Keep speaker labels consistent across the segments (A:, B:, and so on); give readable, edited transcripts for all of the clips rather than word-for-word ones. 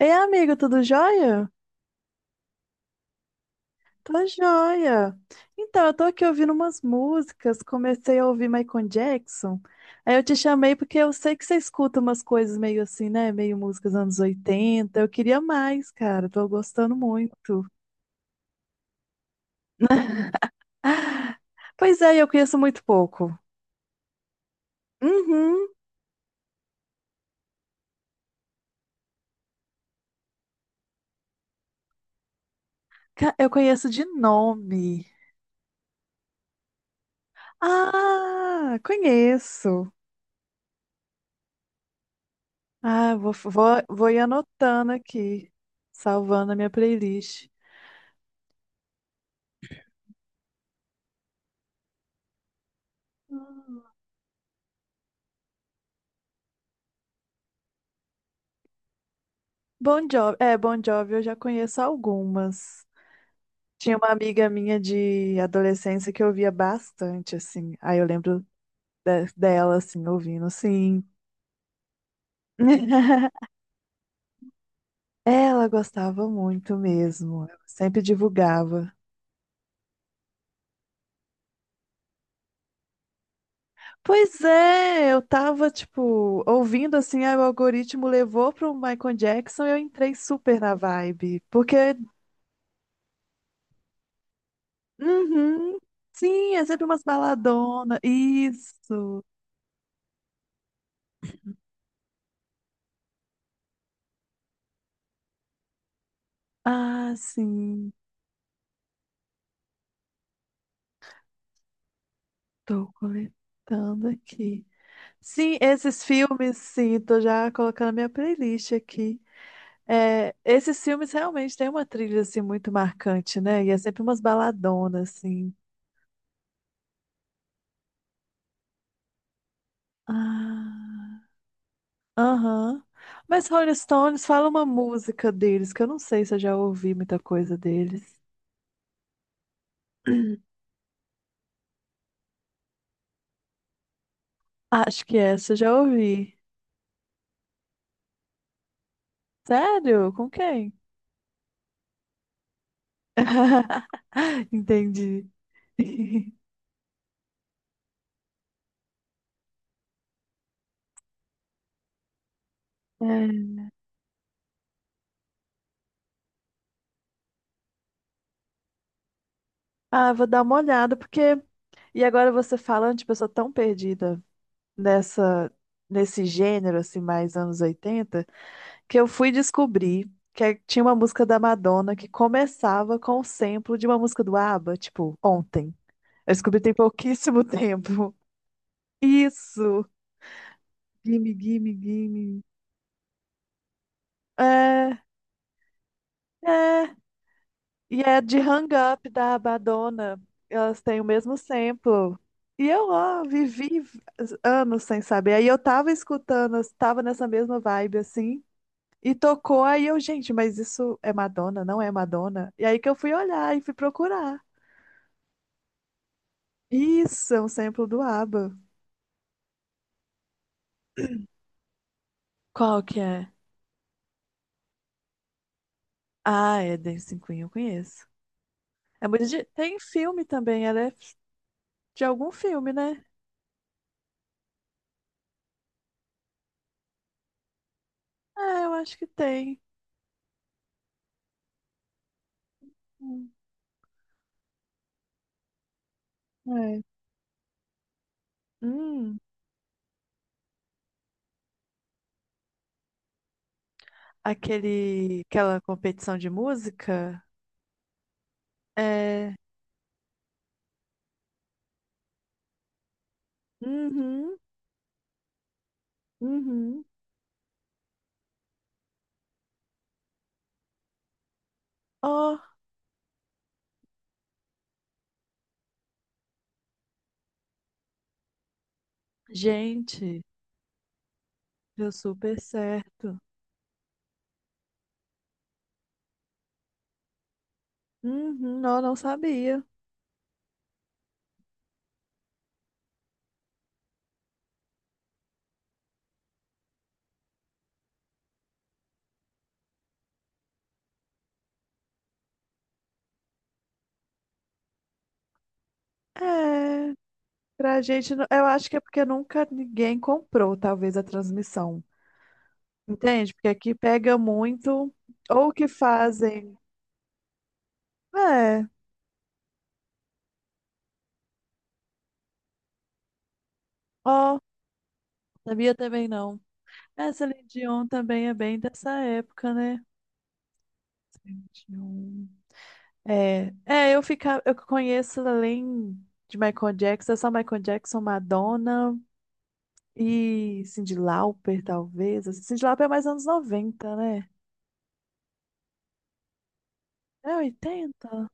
A: Ei, amigo, tudo jóia? Tô jóia. Então, eu tô aqui ouvindo umas músicas, comecei a ouvir Michael Jackson. Aí eu te chamei porque eu sei que você escuta umas coisas meio assim, né? Meio músicas anos 80. Eu queria mais, cara. Tô gostando muito. Pois é, eu conheço muito pouco. Uhum. Eu conheço de nome. Ah, conheço. Ah, vou ir anotando aqui, salvando a minha playlist. Bon Jovi, é, Bon Jovi eu já conheço algumas. Tinha uma amiga minha de adolescência que eu ouvia bastante, assim. Aí eu lembro dela, assim, ouvindo, sim. Ela gostava muito mesmo, ela sempre divulgava. Pois é, eu tava, tipo, ouvindo, assim, aí o algoritmo levou pro Michael Jackson e eu entrei super na vibe. Porque, uhum, sim, é sempre umas baladonas, isso. Ah, sim. Tô coletando aqui. Sim, esses filmes, sim, tô já colocando na minha playlist aqui. É, esses filmes realmente têm uma trilha assim muito marcante, né? E é sempre umas baladonas, assim. Ah, aham. Mas Rolling Stones fala uma música deles, que eu não sei se eu já ouvi muita coisa deles. Acho que essa eu já ouvi. Sério? Com quem? Entendi. É. Ah, vou dar uma olhada, porque. E agora você falando, tipo, eu sou tão perdida nessa, nesse gênero, assim, mais anos 80, que eu fui descobrir tinha uma música da Madonna que começava com o sample de uma música do ABBA, tipo, ontem. Eu descobri tem pouquíssimo tempo. Isso! Gimme, gimme, gimme. É, é. E é de Hang Up da Madonna. Elas têm o mesmo sample. E eu, ó, vivi anos sem saber. Aí eu tava escutando, eu tava nessa mesma vibe, assim. E tocou, aí eu, gente, mas isso é Madonna, não é Madonna? E aí que eu fui olhar e fui procurar. Isso, é um sample do ABBA. Qual que é? Ah, é Dancing Queen, eu conheço. É muito de... Tem filme também, ela é de algum filme, né? Ah, eu acho que tem. Hum, É. Hum. Aquele, aquela competição de música? É. Uhum, uhum. Oh, gente, deu super certo. Uhum, eu não sabia. É, pra gente, não- eu acho que é porque nunca ninguém comprou, talvez, a transmissão. Entende? Porque aqui pega muito, ou que fazem. É, ó, sabia também não. Essa Celine Dion também é bem dessa época, né? Celine Dion. É, é, eu fica, eu conheço além de Michael Jackson, é só Michael Jackson, Madonna e Cyndi Lauper, talvez. Assim, Cyndi Lauper é mais anos noventa, né? É oitenta.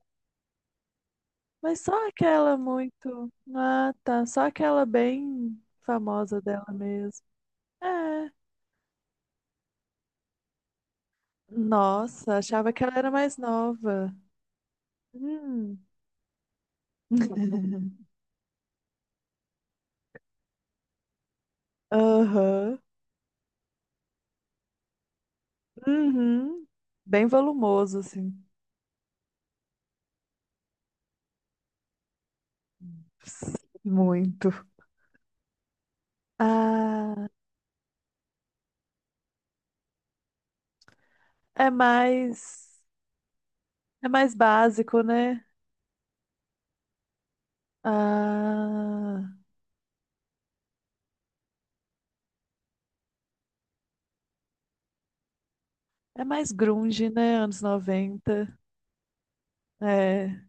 A: Mas só aquela muito. Ah, tá. Só aquela bem famosa dela mesmo. É. Nossa, achava que ela era mais nova. Hum. Aham. Uhum. Bem volumoso, assim. Muito. Ah. É mais, é mais básico, né? Ah, é mais grunge, né? Anos 90. É,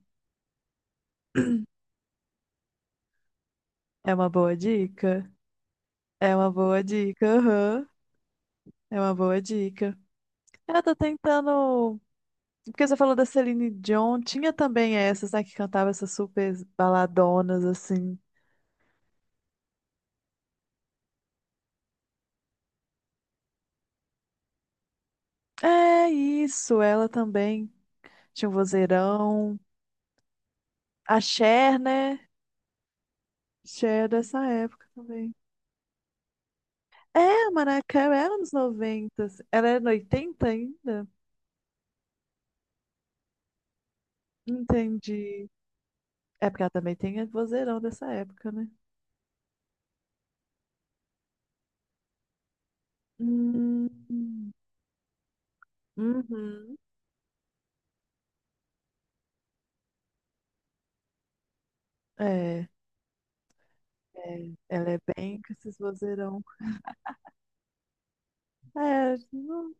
A: é uma boa dica. É uma boa dica, aham. É uma boa dica. Eu tô tentando. Porque você falou da Celine Dion, tinha também essas, né, que cantava essas super baladonas, assim. É isso, ela também tinha um vozeirão. A Cher, né? Cher dessa época também. É, a Mariah Carey era nos 90, assim. Ela era no oitenta ainda? Entendi. É porque ela também tem a vozeirão dessa época, né? Hum, uhum. É, é. Ela é bem com esses vozeirão. É, não-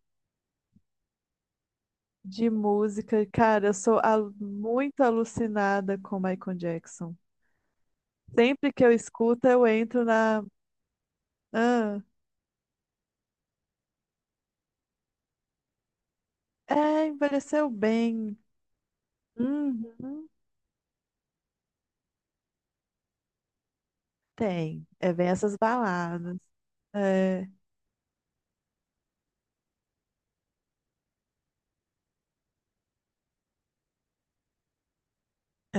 A: de música. Cara, eu sou muito alucinada com Michael Jackson. Sempre que eu escuto, eu entro na. Ah, é, envelheceu bem. Uhum. Tem. É, vem essas baladas. É.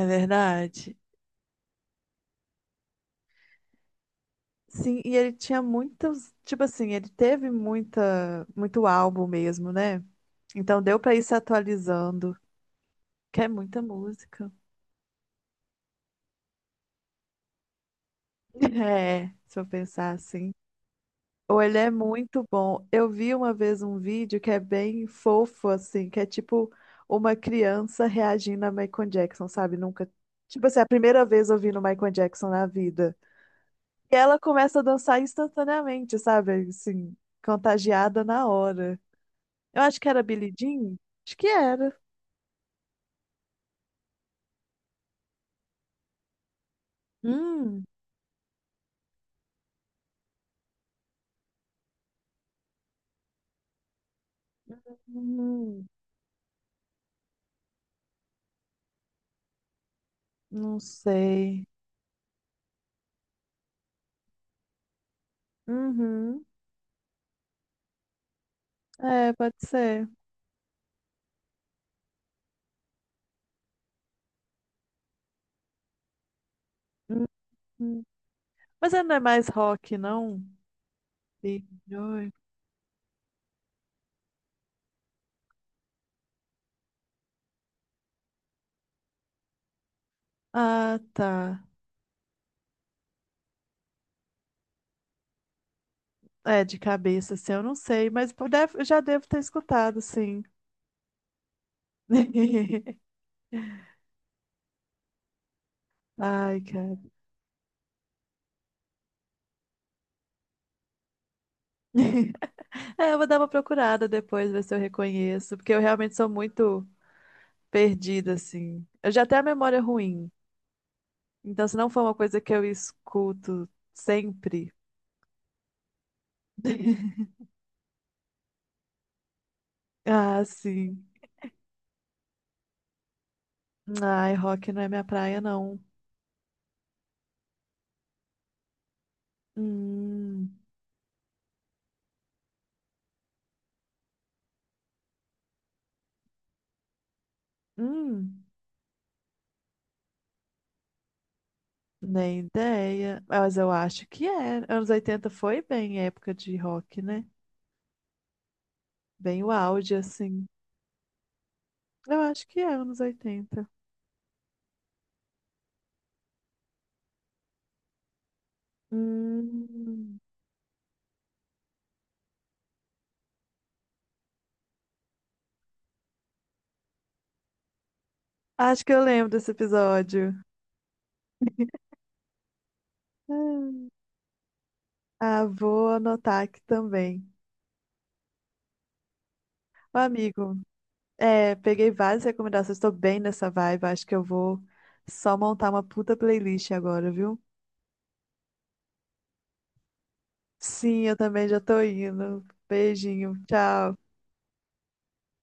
A: É verdade. Sim, e ele tinha muitos, tipo assim, ele teve muita, muito álbum mesmo, né? Então deu pra ir se atualizando, que é muita música. É, se eu pensar assim. Ou ele é muito bom. Eu vi uma vez um vídeo que é bem fofo, assim, que é tipo uma criança reagindo a Michael Jackson, sabe? Nunca. Tipo assim, é a primeira vez ouvindo Michael Jackson na vida. E ela começa a dançar instantaneamente, sabe? Assim, contagiada na hora. Eu acho que era Billie Jean. Acho que era. Hum, Hum, não sei. Uhum. É, pode ser. Uhum. Mas ela não é mais rock, não? Billie Joy. Ah, tá. É, de cabeça, assim, eu não sei, mas eu eu já devo ter escutado, sim. Ai, cara. É, eu vou dar uma procurada depois, ver se eu reconheço, porque eu realmente sou muito perdida, assim. Eu já tenho a memória ruim. Então, se não for uma coisa que eu escuto sempre. Ah, sim. Ai, rock não é minha praia, não. Hum, hum, nem ideia. Ah, mas eu acho que é. Anos 80 foi bem época de rock, né? Bem o auge, assim. Eu acho que é anos oitenta. Hum, acho que eu lembro desse episódio. Ah, vou anotar aqui também. Ô, amigo, é, peguei várias recomendações, tô bem nessa vibe, acho que eu vou só montar uma puta playlist agora, viu? Sim, eu também já tô indo. Beijinho, tchau.